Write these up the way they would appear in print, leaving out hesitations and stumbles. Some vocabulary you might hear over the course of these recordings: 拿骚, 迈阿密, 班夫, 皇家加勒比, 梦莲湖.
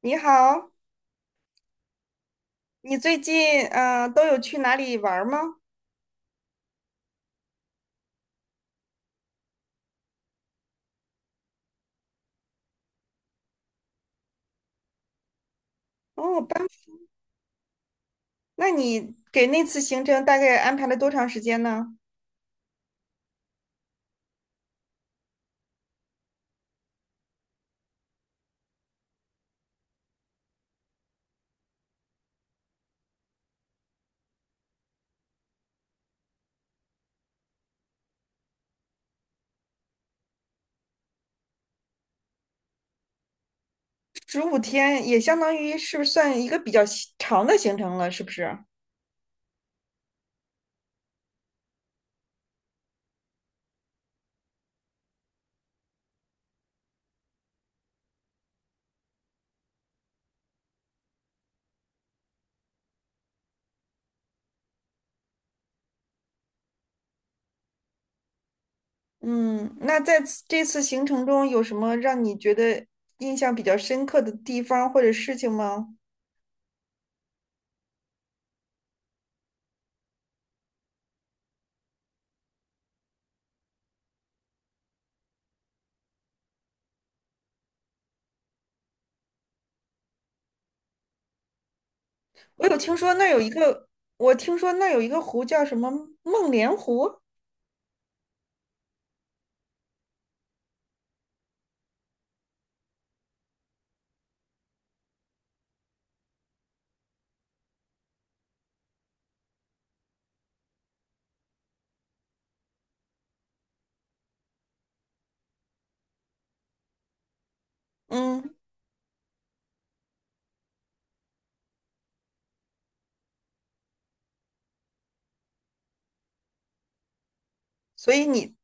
你好，你最近都有去哪里玩儿吗？哦，班夫。那你给那次行程大概安排了多长时间呢？15天也相当于是不算一个比较西长的行程了，是不是？嗯，那在此这次行程中有什么让你觉得印象比较深刻的地方或者事情吗？我有听说那儿有一个，我听说那儿有一个湖叫什么梦莲湖。嗯，所以你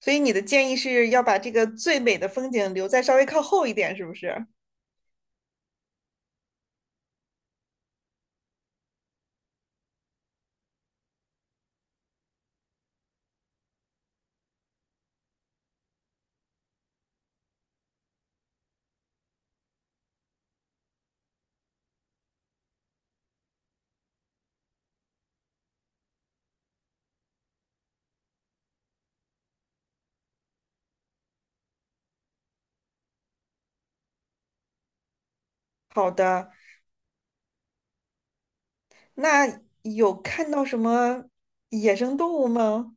所以你的建议是要把这个最美的风景留在稍微靠后一点，是不是？好的。那有看到什么野生动物吗？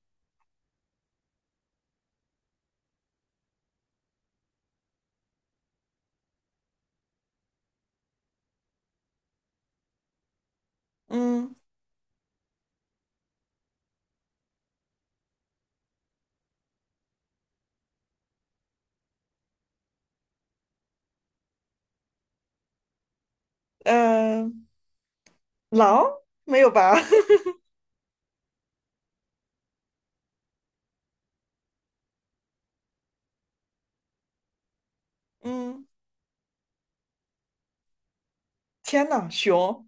嗯，呃，狼没有吧？嗯，天呐，熊。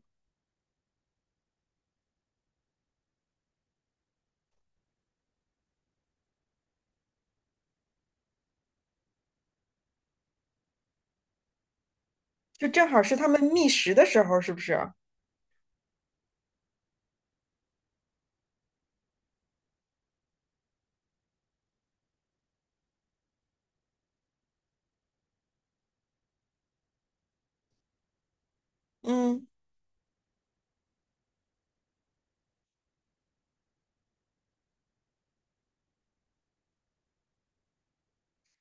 就正好是它们觅食的时候，是不是？嗯，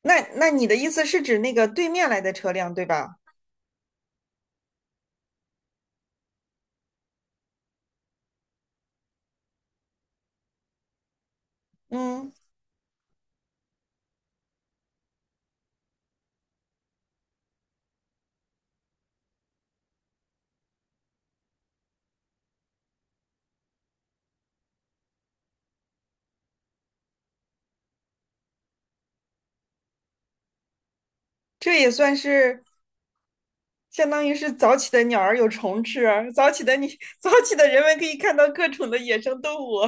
那那你的意思是指那个对面来的车辆，对吧？嗯，这也算是相当于是早起的鸟儿有虫吃，早起的你 早起的人们可以看到各种的野生动物。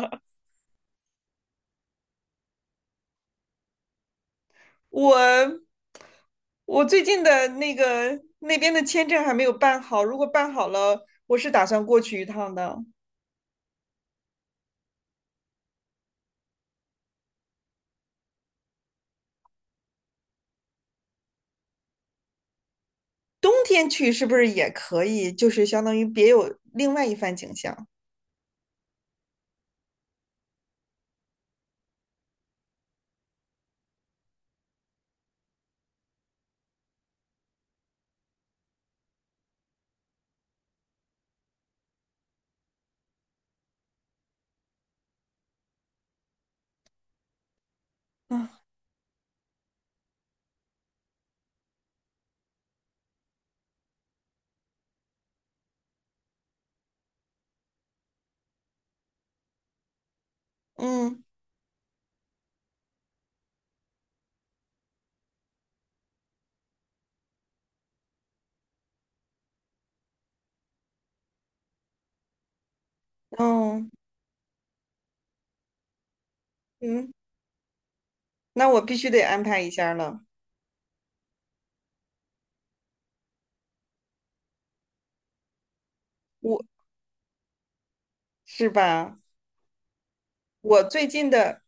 我我最近的那个那边的签证还没有办好，如果办好了，我是打算过去一趟的。冬天去是不是也可以？就是相当于别有另外一番景象。啊，嗯嗯嗯，那我必须得安排一下了，我是吧？我最近的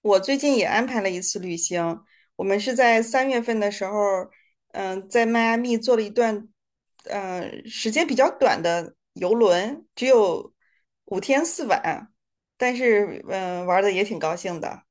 我最近也安排了一次旅行，我们是在3月份的时候，在迈阿密做了一段，嗯，时间比较短的游轮，只有五天四晚，但是玩的也挺高兴的。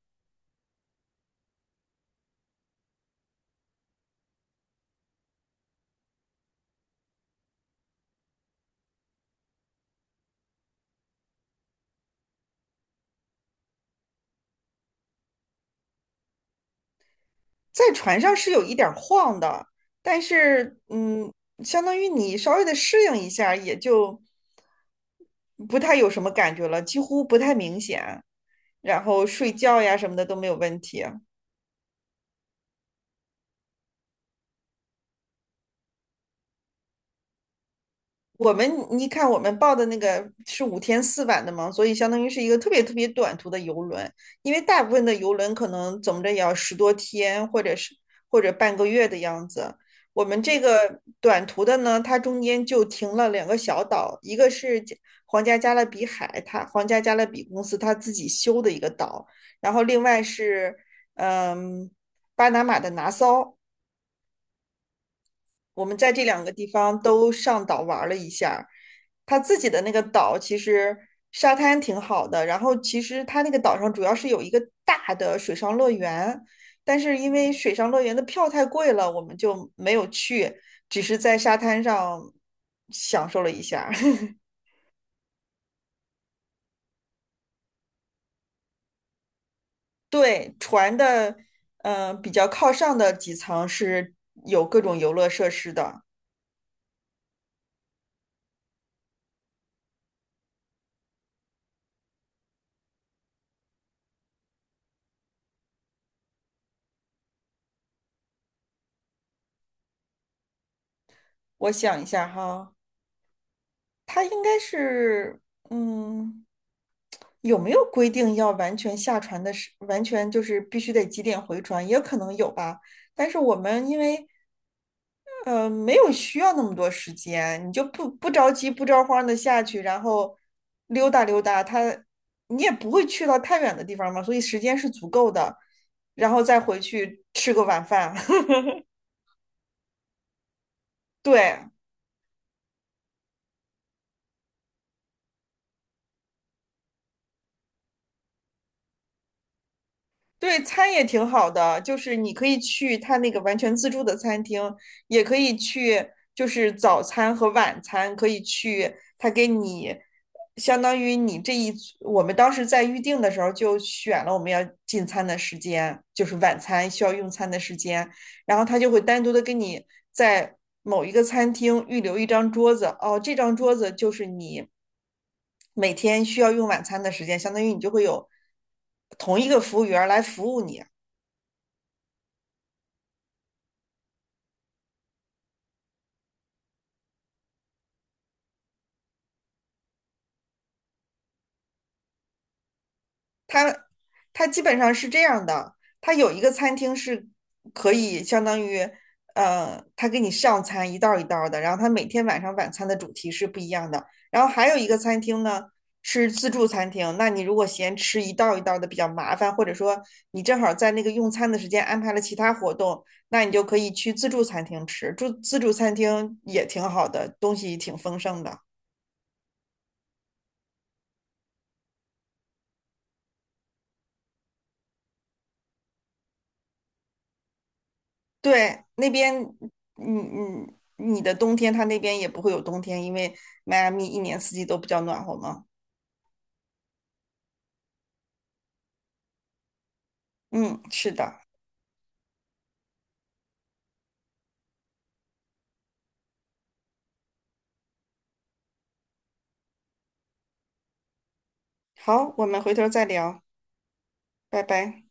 在船上是有一点儿晃的，但是相当于你稍微的适应一下儿也就不太有什么感觉了，几乎不太明显。然后睡觉呀什么的都没有问题。我们你看，我们报的那个是五天四晚的嘛，所以相当于是一个特别特别短途的游轮，因为大部分的游轮可能怎么着也要10多天，或者是或者半个月的样子。我们这个短途的呢，它中间就停了两个小岛，一个是加皇家加勒比海，它皇家加勒比公司它自己修的一个岛，然后另外是嗯巴拿马的拿骚。我们在这两个地方都上岛玩了一下。他自己的那个岛其实沙滩挺好的，然后其实他那个岛上主要是有一个大的水上乐园，但是因为水上乐园的票太贵了，我们就没有去，只是在沙滩上享受了一下 对，船的，比较靠上的几层是有各种游乐设施的。我想一下哈。他应该是，嗯，有没有规定要完全下船的时，完全就是必须得几点回船，也可能有吧。但是我们因为，没有需要那么多时间，你就不着急、不着慌的下去，然后溜达溜达，他你也不会去到太远的地方嘛，所以时间是足够的，然后再回去吃个晚饭。对，对，餐也挺好的，就是你可以去他那个完全自助的餐厅，也可以去，就是早餐和晚餐可以去，他给你相当于你这一组我们当时在预定的时候就选了我们要进餐的时间，就是晚餐需要用餐的时间，然后他就会单独的跟你在某一个餐厅预留一张桌子，哦，这张桌子就是你每天需要用晚餐的时间，相当于你就会有同一个服务员来服务你。它它基本上是这样的，它有一个餐厅是可以相当于，他给你上餐一道儿一道儿的，然后他每天晚上晚餐的主题是不一样的。然后还有一个餐厅呢是自助餐厅，那你如果嫌吃一道儿一道儿的比较麻烦，或者说你正好在那个用餐的时间安排了其他活动，那你就可以去自助餐厅吃。住自助餐厅也挺好的，东西挺丰盛的。对，那边，嗯嗯，你的冬天，它那边也不会有冬天，因为迈阿密一年四季都比较暖和嘛。嗯，是的。好，我们回头再聊，拜拜。